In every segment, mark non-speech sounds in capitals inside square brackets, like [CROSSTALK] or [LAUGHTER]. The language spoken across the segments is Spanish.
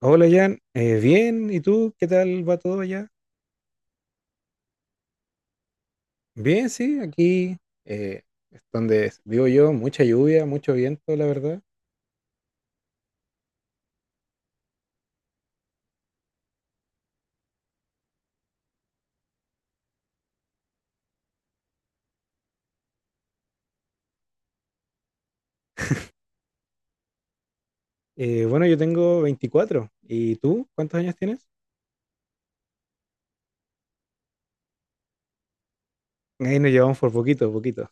Hola Jan. Bien, ¿y tú? ¿Qué tal va todo allá? Bien, sí, aquí eh, es donde vivo yo, mucha lluvia, mucho viento, la verdad. Bueno, yo tengo 24. ¿Y tú? ¿Cuántos años tienes? Ahí nos llevamos por poquito, poquito.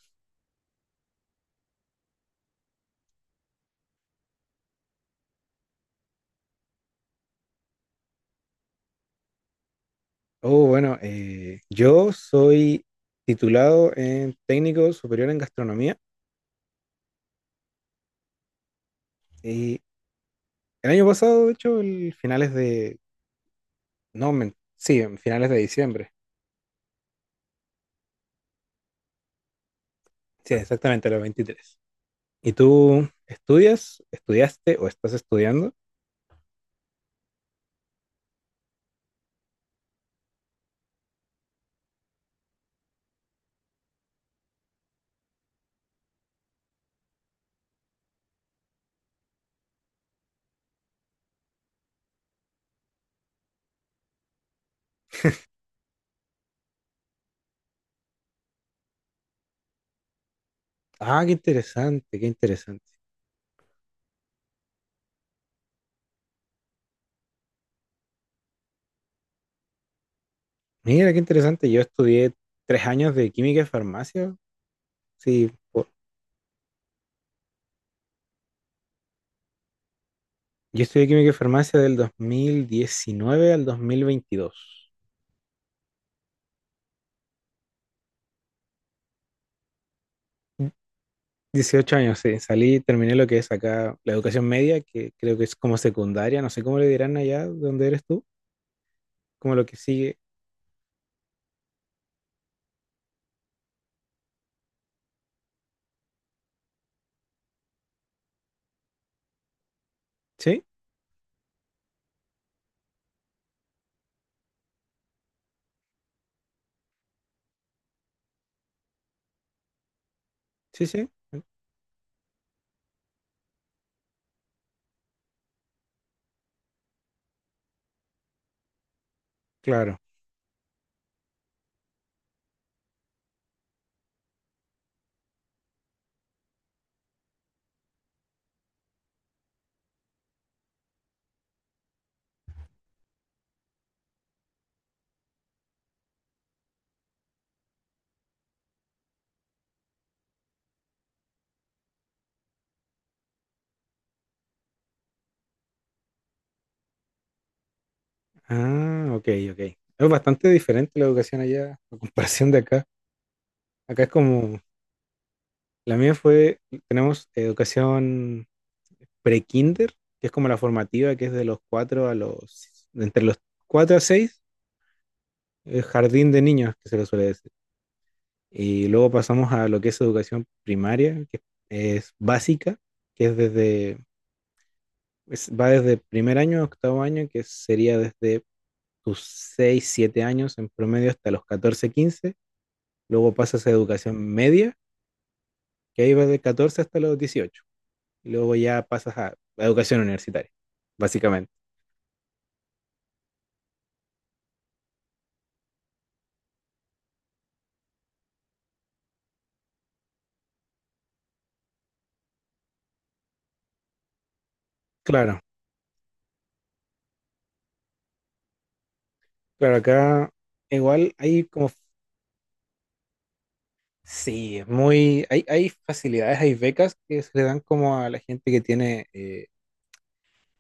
Oh, bueno, yo soy titulado en técnico superior en gastronomía y el año pasado, de hecho, el finales de, no, sí, en finales de diciembre. Sí, exactamente, a los 23. ¿Y tú estudias, estudiaste o estás estudiando? Ah, qué interesante, qué interesante. Mira, qué interesante. Yo estudié 3 años de química y farmacia. Sí. Yo estudié química y farmacia del 2019 al 2022. 18 años, sí. Salí, terminé lo que es acá la educación media, que creo que es como secundaria. No sé cómo le dirán allá donde eres tú, como lo que sigue. Sí, sí, sí. Claro. Ah, ok, ok. Es bastante diferente la educación allá a comparación de acá. Acá es como, la mía fue, tenemos educación pre-kinder, que es como la formativa, que es de los 4 a los, entre los 4 a seis, el jardín de niños, que se lo suele decir. Y luego pasamos a lo que es educación primaria, que es básica, que es desde, va desde primer año a octavo año, que sería desde tus 6 7 años en promedio hasta los 14 quince. Luego pasas a educación media, que ahí va de 14 hasta los 18, y luego ya pasas a educación universitaria, básicamente. Claro, claro, acá igual hay como, sí, es muy, hay facilidades, hay becas que se le dan como a la gente que tiene,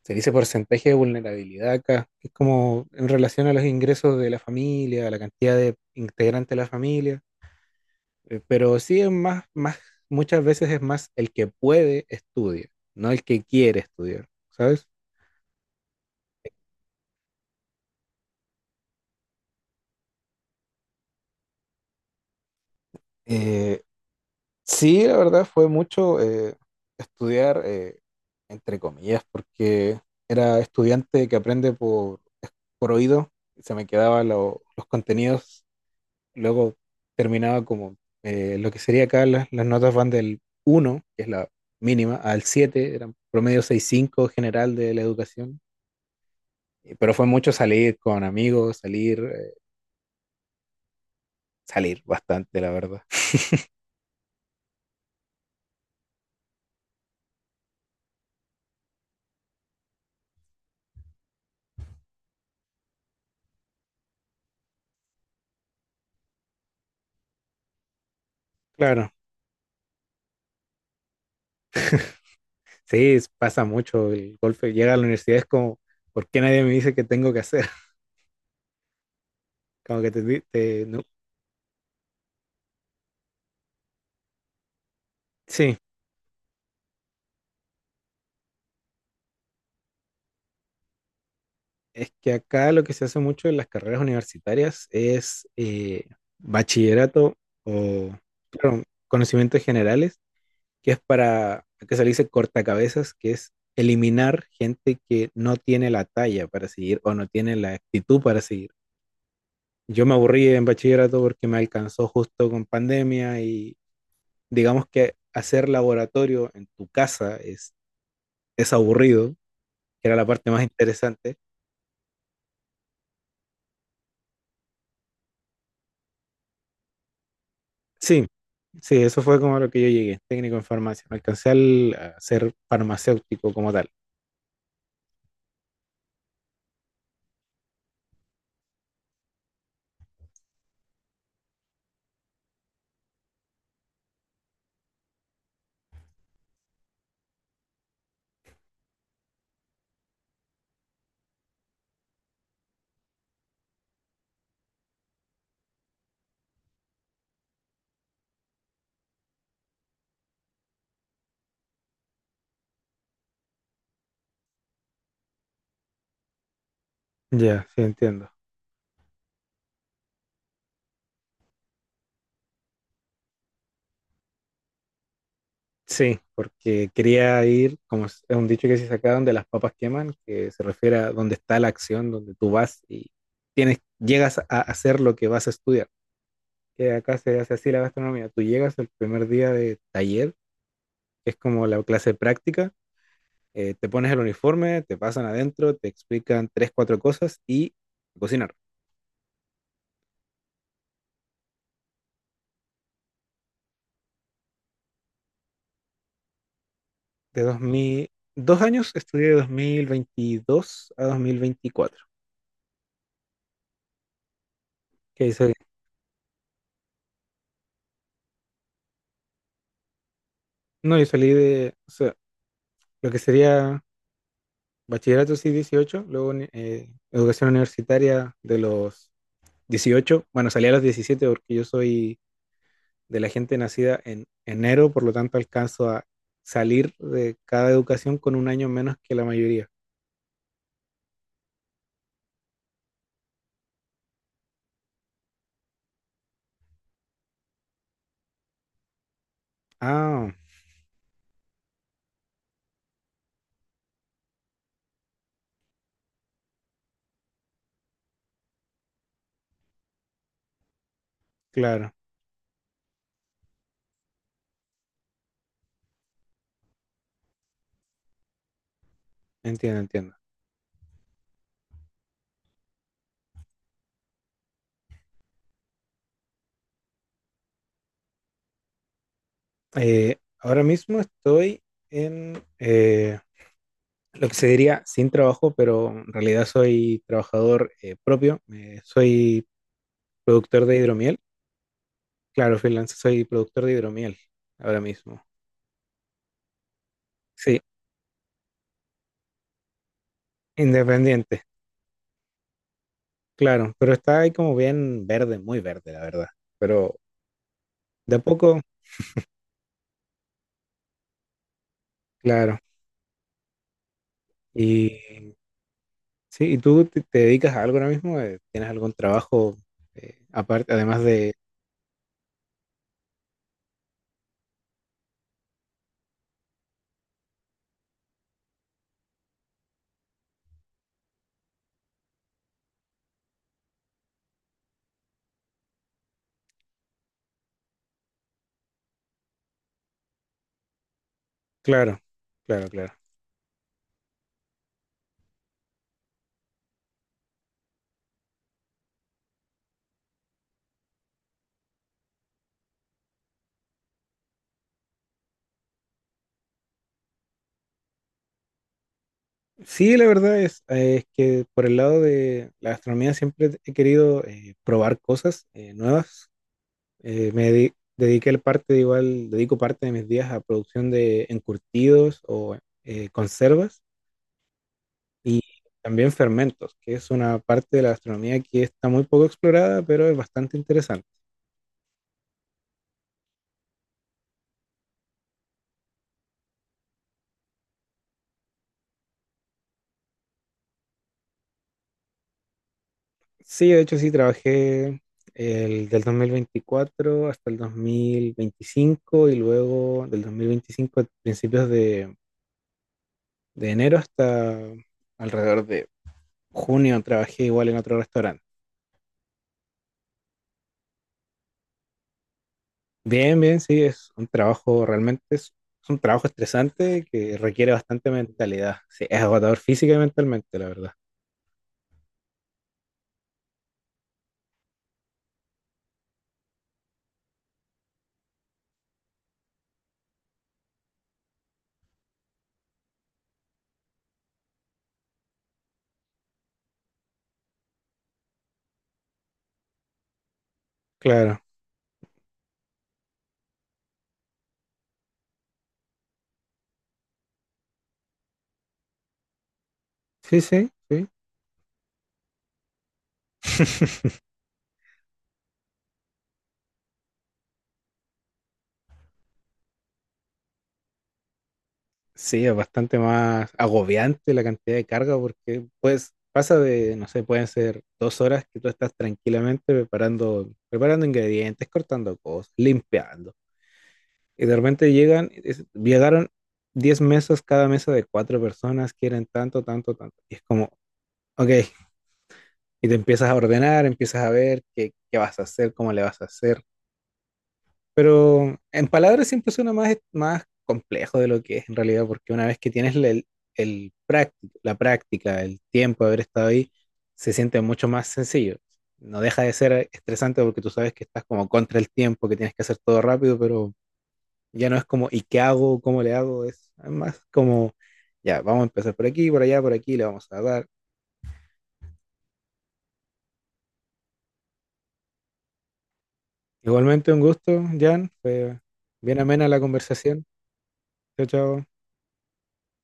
se dice porcentaje de vulnerabilidad acá, que es como en relación a los ingresos de la familia, a la cantidad de integrantes de la familia. Pero sí es más, muchas veces es más el que puede estudia, no el que quiere estudiar, ¿sabes? Eh, Sí, la verdad fue mucho estudiar, entre comillas, porque era estudiante que aprende por oído, y se me quedaban los contenidos. Luego terminaba como, lo que sería acá, las notas van del uno, que es la mínima, al siete, eran promedio 6,5 general de la educación. Pero fue mucho salir con amigos, salir, salir bastante, la verdad. Claro. Sí, pasa mucho el golpe. Llega a la universidad es como, ¿por qué nadie me dice qué tengo que hacer? [LAUGHS] Como que te, no. Sí, es que acá lo que se hace mucho en las carreras universitarias es, bachillerato o, claro, conocimientos generales, que es para, que se le dice cortacabezas, que es eliminar gente que no tiene la talla para seguir o no tiene la actitud para seguir. Yo me aburrí en bachillerato porque me alcanzó justo con pandemia y digamos que hacer laboratorio en tu casa es aburrido, que era la parte más interesante. Sí, sí, eso fue como a lo que yo llegué, técnico en farmacia. No alcancé a ser farmacéutico como tal. Ya, sí, entiendo. Sí, porque quería ir, como es un dicho que se saca, donde las papas queman, que se refiere a donde está la acción, donde tú vas y tienes, llegas a hacer lo que vas a estudiar. Que acá se hace así la gastronomía. Tú llegas el primer día de taller, que es como la clase práctica. Te pones el uniforme, te pasan adentro, te explican tres, cuatro cosas y a cocinar. De dos mil 2 años estudié, de 2022 a 2024. Que ahí no, yo salí de, o sea, lo que sería bachillerato sí, 18, luego educación universitaria de los 18. Bueno, salí a los 17 porque yo soy de la gente nacida en enero, por lo tanto alcanzo a salir de cada educación con un año menos que la mayoría. Ah, claro, entiendo, entiendo. Ahora mismo estoy en, lo que se diría sin trabajo, pero en realidad soy trabajador, propio. Soy productor de hidromiel. Claro, freelance, soy productor de hidromiel ahora mismo. Sí, independiente, claro, pero está ahí como bien verde, muy verde, la verdad. Pero de a poco, claro. Y sí, ¿y tú te dedicas a algo ahora mismo? ¿Tienes algún trabajo, aparte, además de... Claro, claro, claro. Sí, la verdad es que por el lado de la gastronomía siempre he querido, probar cosas, nuevas. Me dediqué el parte, de igual, dedico parte de mis días a producción de encurtidos o, conservas y también fermentos, que es una parte de la gastronomía que está muy poco explorada, pero es bastante interesante. Sí, de hecho sí, trabajé del 2024 hasta el 2025, y luego del 2025 a principios de enero hasta alrededor de junio trabajé igual en otro restaurante. Bien, bien, sí, es un trabajo realmente, es un trabajo estresante que requiere bastante mentalidad. Sí, es agotador física y mentalmente, la verdad. Claro. Sí, sí, sí. [LAUGHS] Sí, es bastante más agobiante la cantidad de carga porque pues pasa de, no sé, pueden ser 2 horas que tú estás tranquilamente preparando ingredientes, cortando cosas, limpiando. Y de repente llegan, llegaron 10 mesas, cada mesa de cuatro personas, quieren tanto, tanto, tanto. Y es como, ok, y te empiezas a ordenar, empiezas a ver qué vas a hacer, cómo le vas a hacer. Pero en palabras siempre suena más complejo de lo que es en realidad, porque una vez que tienes el práctico, la práctica, el tiempo de haber estado ahí, se siente mucho más sencillo. No deja de ser estresante porque tú sabes que estás como contra el tiempo, que tienes que hacer todo rápido, pero ya no es como, ¿y qué hago? ¿Cómo le hago? Es más como, ya, vamos a empezar por aquí, por allá, por aquí, le vamos a dar. Igualmente un gusto, Jan. Fue bien amena la conversación. Chao, chao.